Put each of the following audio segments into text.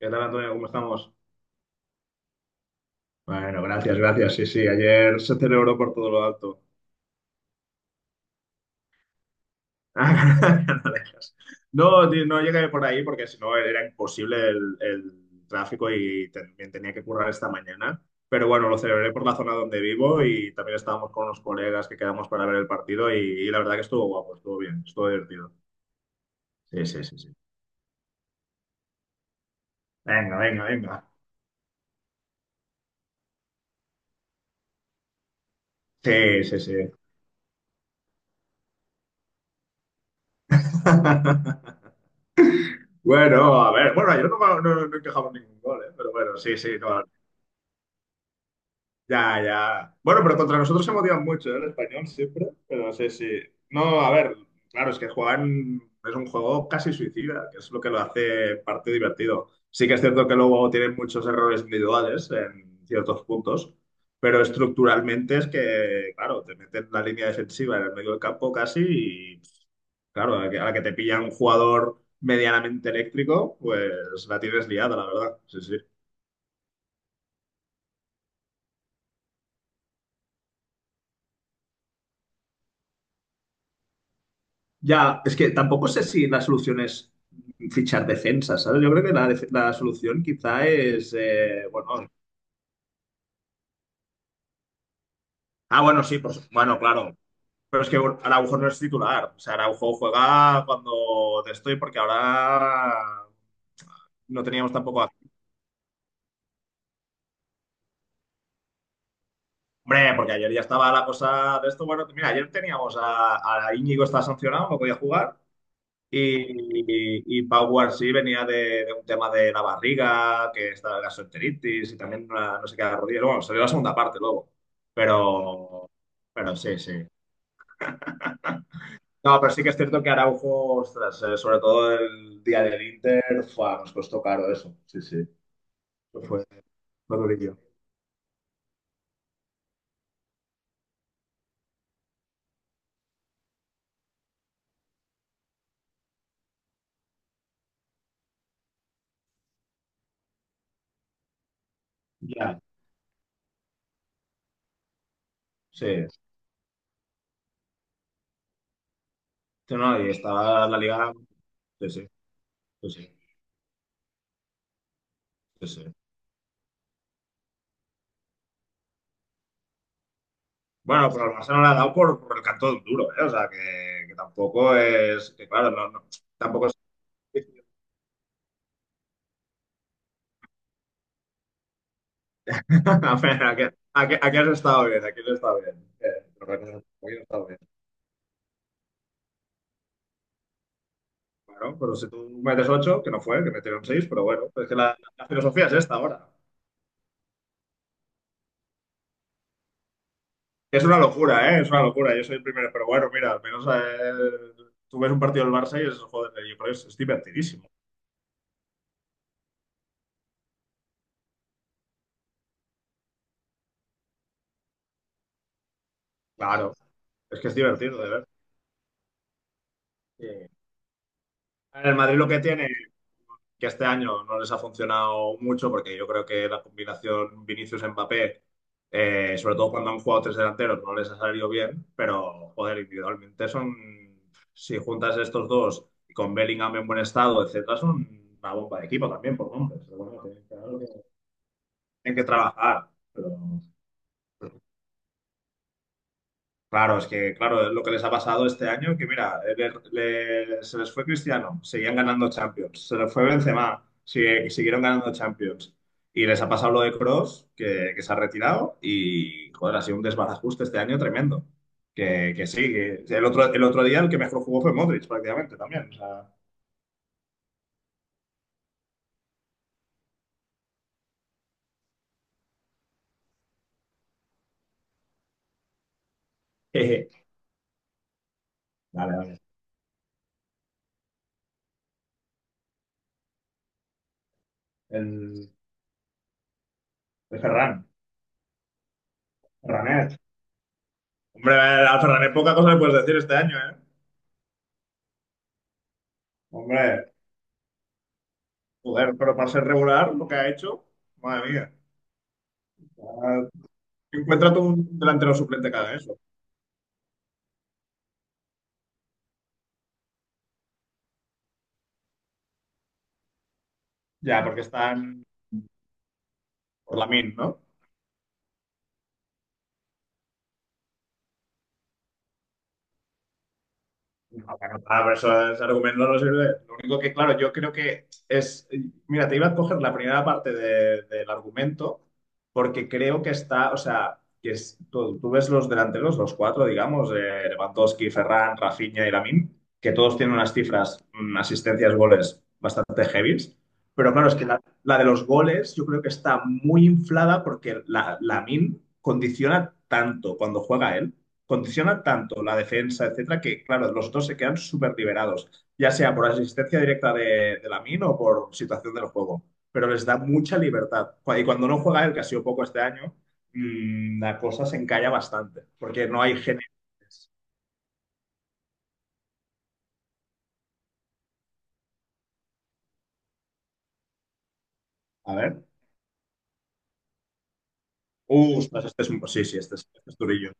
¿Qué tal, Antonio? ¿Cómo estamos? Bueno, gracias, gracias. Sí, sí, ayer se celebró por todo lo alto. Ah, no dejas. No, tío, no llegué por ahí porque si no era imposible el tráfico y también tenía que currar esta mañana. Pero bueno, lo celebré por la zona donde vivo y también estábamos con unos colegas que quedamos para ver el partido y la verdad que estuvo guapo, estuvo bien, estuvo divertido. Sí, sí, sí, sí. Venga, venga, venga. Sí, sí, sí. Bueno, a ver, bueno, ayer no, no, no encajamos ningún gol, ¿eh? Pero bueno, sí, sí, no. Ya, ya. Bueno, pero contra nosotros se motivan mucho, ¿eh? El español siempre, pero no sé si... No, a ver, claro, es que juegan... Es un juego casi suicida, que es lo que lo hace parte divertido. Sí que es cierto que luego tienen muchos errores individuales en ciertos puntos, pero estructuralmente es que, claro, te meten la línea defensiva en el medio del campo casi y, claro, a la que te pilla un jugador medianamente eléctrico, pues la tienes liada, la verdad. Sí, sí. Ya, es que tampoco sé si la solución es fichar defensa, ¿sabes? Yo creo que la solución quizá es, bueno. Ah, bueno, sí, bueno, claro, pero es que bueno, Araujo no es titular, o sea, Araujo juega cuando de estoy porque ahora no teníamos tampoco a... Hombre, porque ayer ya estaba la cosa de esto, bueno, mira, ayer teníamos a Íñigo está sancionado, no podía jugar. Y Pau Guarsí venía de un tema de la barriga, que estaba la gastroenteritis y también una- no sé qué de la rodilla. Bueno, salió la segunda parte luego, pero, pero sí, sí. No, pero sí que es cierto que Araujo, ostras, sobre todo el día del Inter, fua, nos costó caro eso. Sí, sí. Fue, fue durillo. Ya, sí. Sí, no, y estaba la liga. Sí, sí, sí, sí, sí, sí. Bueno, pero al Barcelona le ha dado por el canto de un duro, ¿eh? O sea, que tampoco es. Que claro, no, no- tampoco. A ver, aquí has estado bien, aquí has estado bien. Pero bueno, aquí has estado bien. Bueno, pero si tú metes 8, que no fue, que metieron 6, pero bueno, es que la filosofía es esta ahora. Es una locura, ¿eh? Es una locura. Yo soy el primero, pero bueno, mira, al menos tú ves un partido del Barça y es, joder, yo creo que es divertidísimo. Claro, es que es divertido, de ver. Sí. El Madrid lo que tiene que este año no les ha funcionado mucho porque yo creo que la combinación Vinicius-Mbappé, sobre todo cuando han jugado tres delanteros, no les ha salido bien, pero joder, individualmente son, si juntas estos dos y con Bellingham en buen estado, etcétera, son una bomba de equipo también por nombres. Pero bueno, tienen que, tienen que trabajar. Pero claro, es que, claro, es lo que les ha pasado este año, que mira, se les fue Cristiano, seguían ganando Champions, se les fue Benzema, siguieron ganando Champions, y les ha pasado lo de Cross que se ha retirado, y joder, ha sido un desbarajuste este año tremendo. Que sí, que el otro día el que mejor jugó fue Modric prácticamente también. O sea, jeje. Vale, vale. El, el Ferran, Ferranet. Hombre, al Ferranet poca cosa le puedes decir este año, ¿eh? Hombre. Joder, pero para ser regular, lo que ha hecho, madre mía. Ya, encuentra tú un delantero suplente cada eso. Ya, porque están por la min, ¿no? No, para nada, pero eso, ese argumento no sirve. Lo único que, claro, yo creo que es. Mira, te iba a coger la primera parte de- del argumento, porque creo que está, o sea, que tú ves los delanteros, los cuatro, digamos, Lewandowski, Ferran, Rafinha y Lamine, que todos tienen unas cifras, asistencias, goles bastante heavies. Pero claro, es que la de los goles yo creo que está muy inflada porque Lamine condiciona tanto cuando juega él condiciona tanto la defensa, etcétera, que claro, los dos se quedan súper liberados, ya sea por asistencia directa de Lamin o por situación del juego, pero les da mucha libertad. Cu- Y cuando no juega él, que ha sido poco este año, la cosa se encalla bastante, porque no hay genes. A ver. Ostras, este es un... Sí, sí, este es durillo.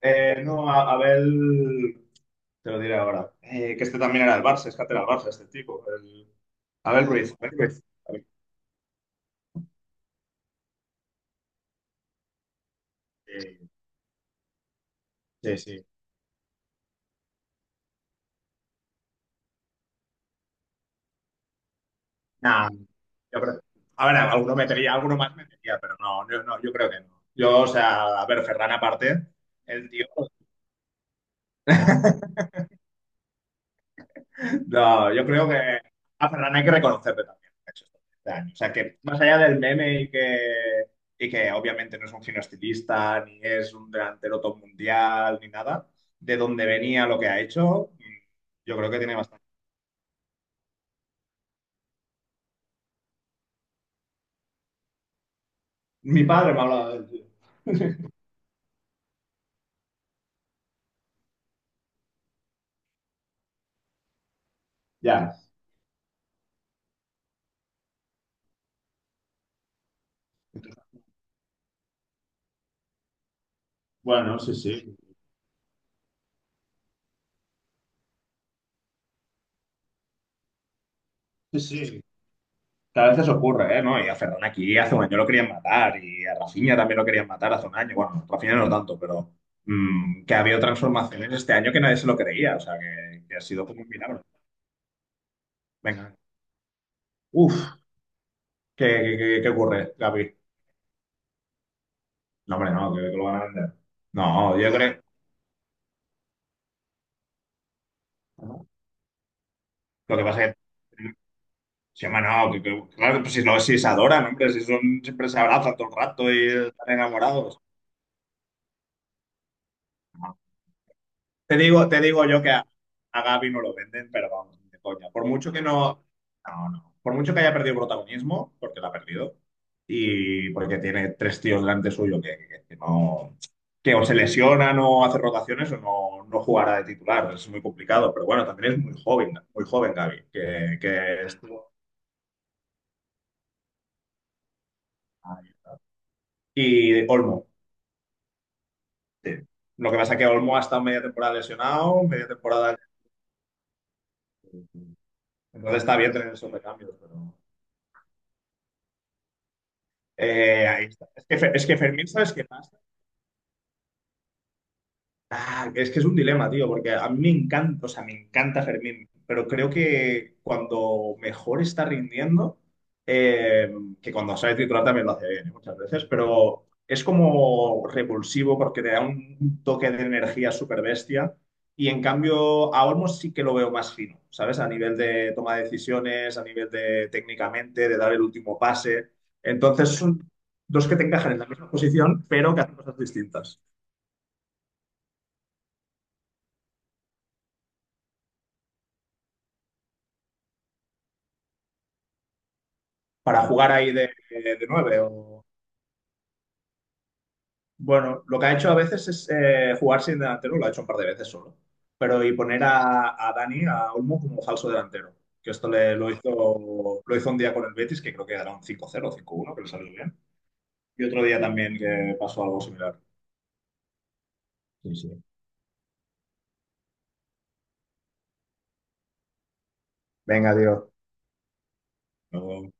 No, Abel... Te lo diré ahora. Que este también era del Barça, es que era del Barça, este tipo. El- Abel Ruiz. Abel Ruiz. Abel- eh, Sí, sí. Nah, yo creo- a ver, alguno metería, alguno más metería, pero no, yo, no, yo creo que no. Yo, o sea, a ver, Ferran aparte, el tío, no, yo creo que a Ferran hay que reconocerle también. Lo que ha hecho esto este años. O sea, que más allá del meme y que obviamente no es un fino estilista, ni es un delantero top mundial, ni nada, de dónde venía lo que ha hecho, yo creo que tiene bastante. Mi padre me ha hablado del tío. Ya, bueno, sí, sí. Sí, sí. Tal vez veces ocurre, ¿eh? ¿No? Y a Ferran aquí hace un año lo querían matar y a Rafinha también lo querían matar hace un año. Bueno, Rafinha no tanto, pero que ha habido transformaciones este año que nadie se lo creía. O sea, que ha sido como un milagro. Venga. Uf, ¿qué ocurre, Gaby? No, hombre, no, que lo van a vender. No, yo creo... Lo que pasa es que... Sí, hombre, no, que- claro, pues si, no, si se adoran, hombre, si son, siempre se abrazan todo el rato y están enamorados. No, te digo, te digo yo que a, Gavi no lo venden, pero vamos, ni de coña. Por mucho que no, no, no. Por mucho que haya perdido protagonismo, porque lo ha perdido, y porque tiene tres tíos delante suyo que no, que o se lesionan o hace rotaciones o no, no jugará de titular. Es muy complicado, pero bueno, también es muy joven Gavi, que estuvo- Y Olmo, sí. Lo que pasa es que Olmo ha estado media temporada lesionado, media temporada... Entonces está bien tener esos recambios, pero... Ahí está. Es que, Fe- es que Fermín, ¿sabes qué pasa? Ah, es que es un dilema, tío, porque a mí me encanta, o sea, me encanta Fermín, pero creo que cuando mejor está rindiendo, eh, que cuando sale titular también lo hace bien, ¿eh? Muchas veces, pero es como repulsivo porque te da un toque de energía súper bestia y en cambio a Olmos sí que lo veo más fino, ¿sabes? A nivel de toma de decisiones, a nivel de técnicamente, de dar el último pase. Entonces son dos que te encajan en la misma posición, pero que hacen cosas distintas. Para jugar ahí de nueve. O... Bueno, lo que ha hecho a veces es jugar sin delantero, lo ha hecho un par de veces solo. Pero y poner a, Dani, a Olmo, como falso delantero. Que esto le, lo hizo un día con el Betis, que creo que era un cinco cero 0 5-1, que le salió bien. Y otro día también que pasó algo similar. Sí, sí. Venga, Dios. Pero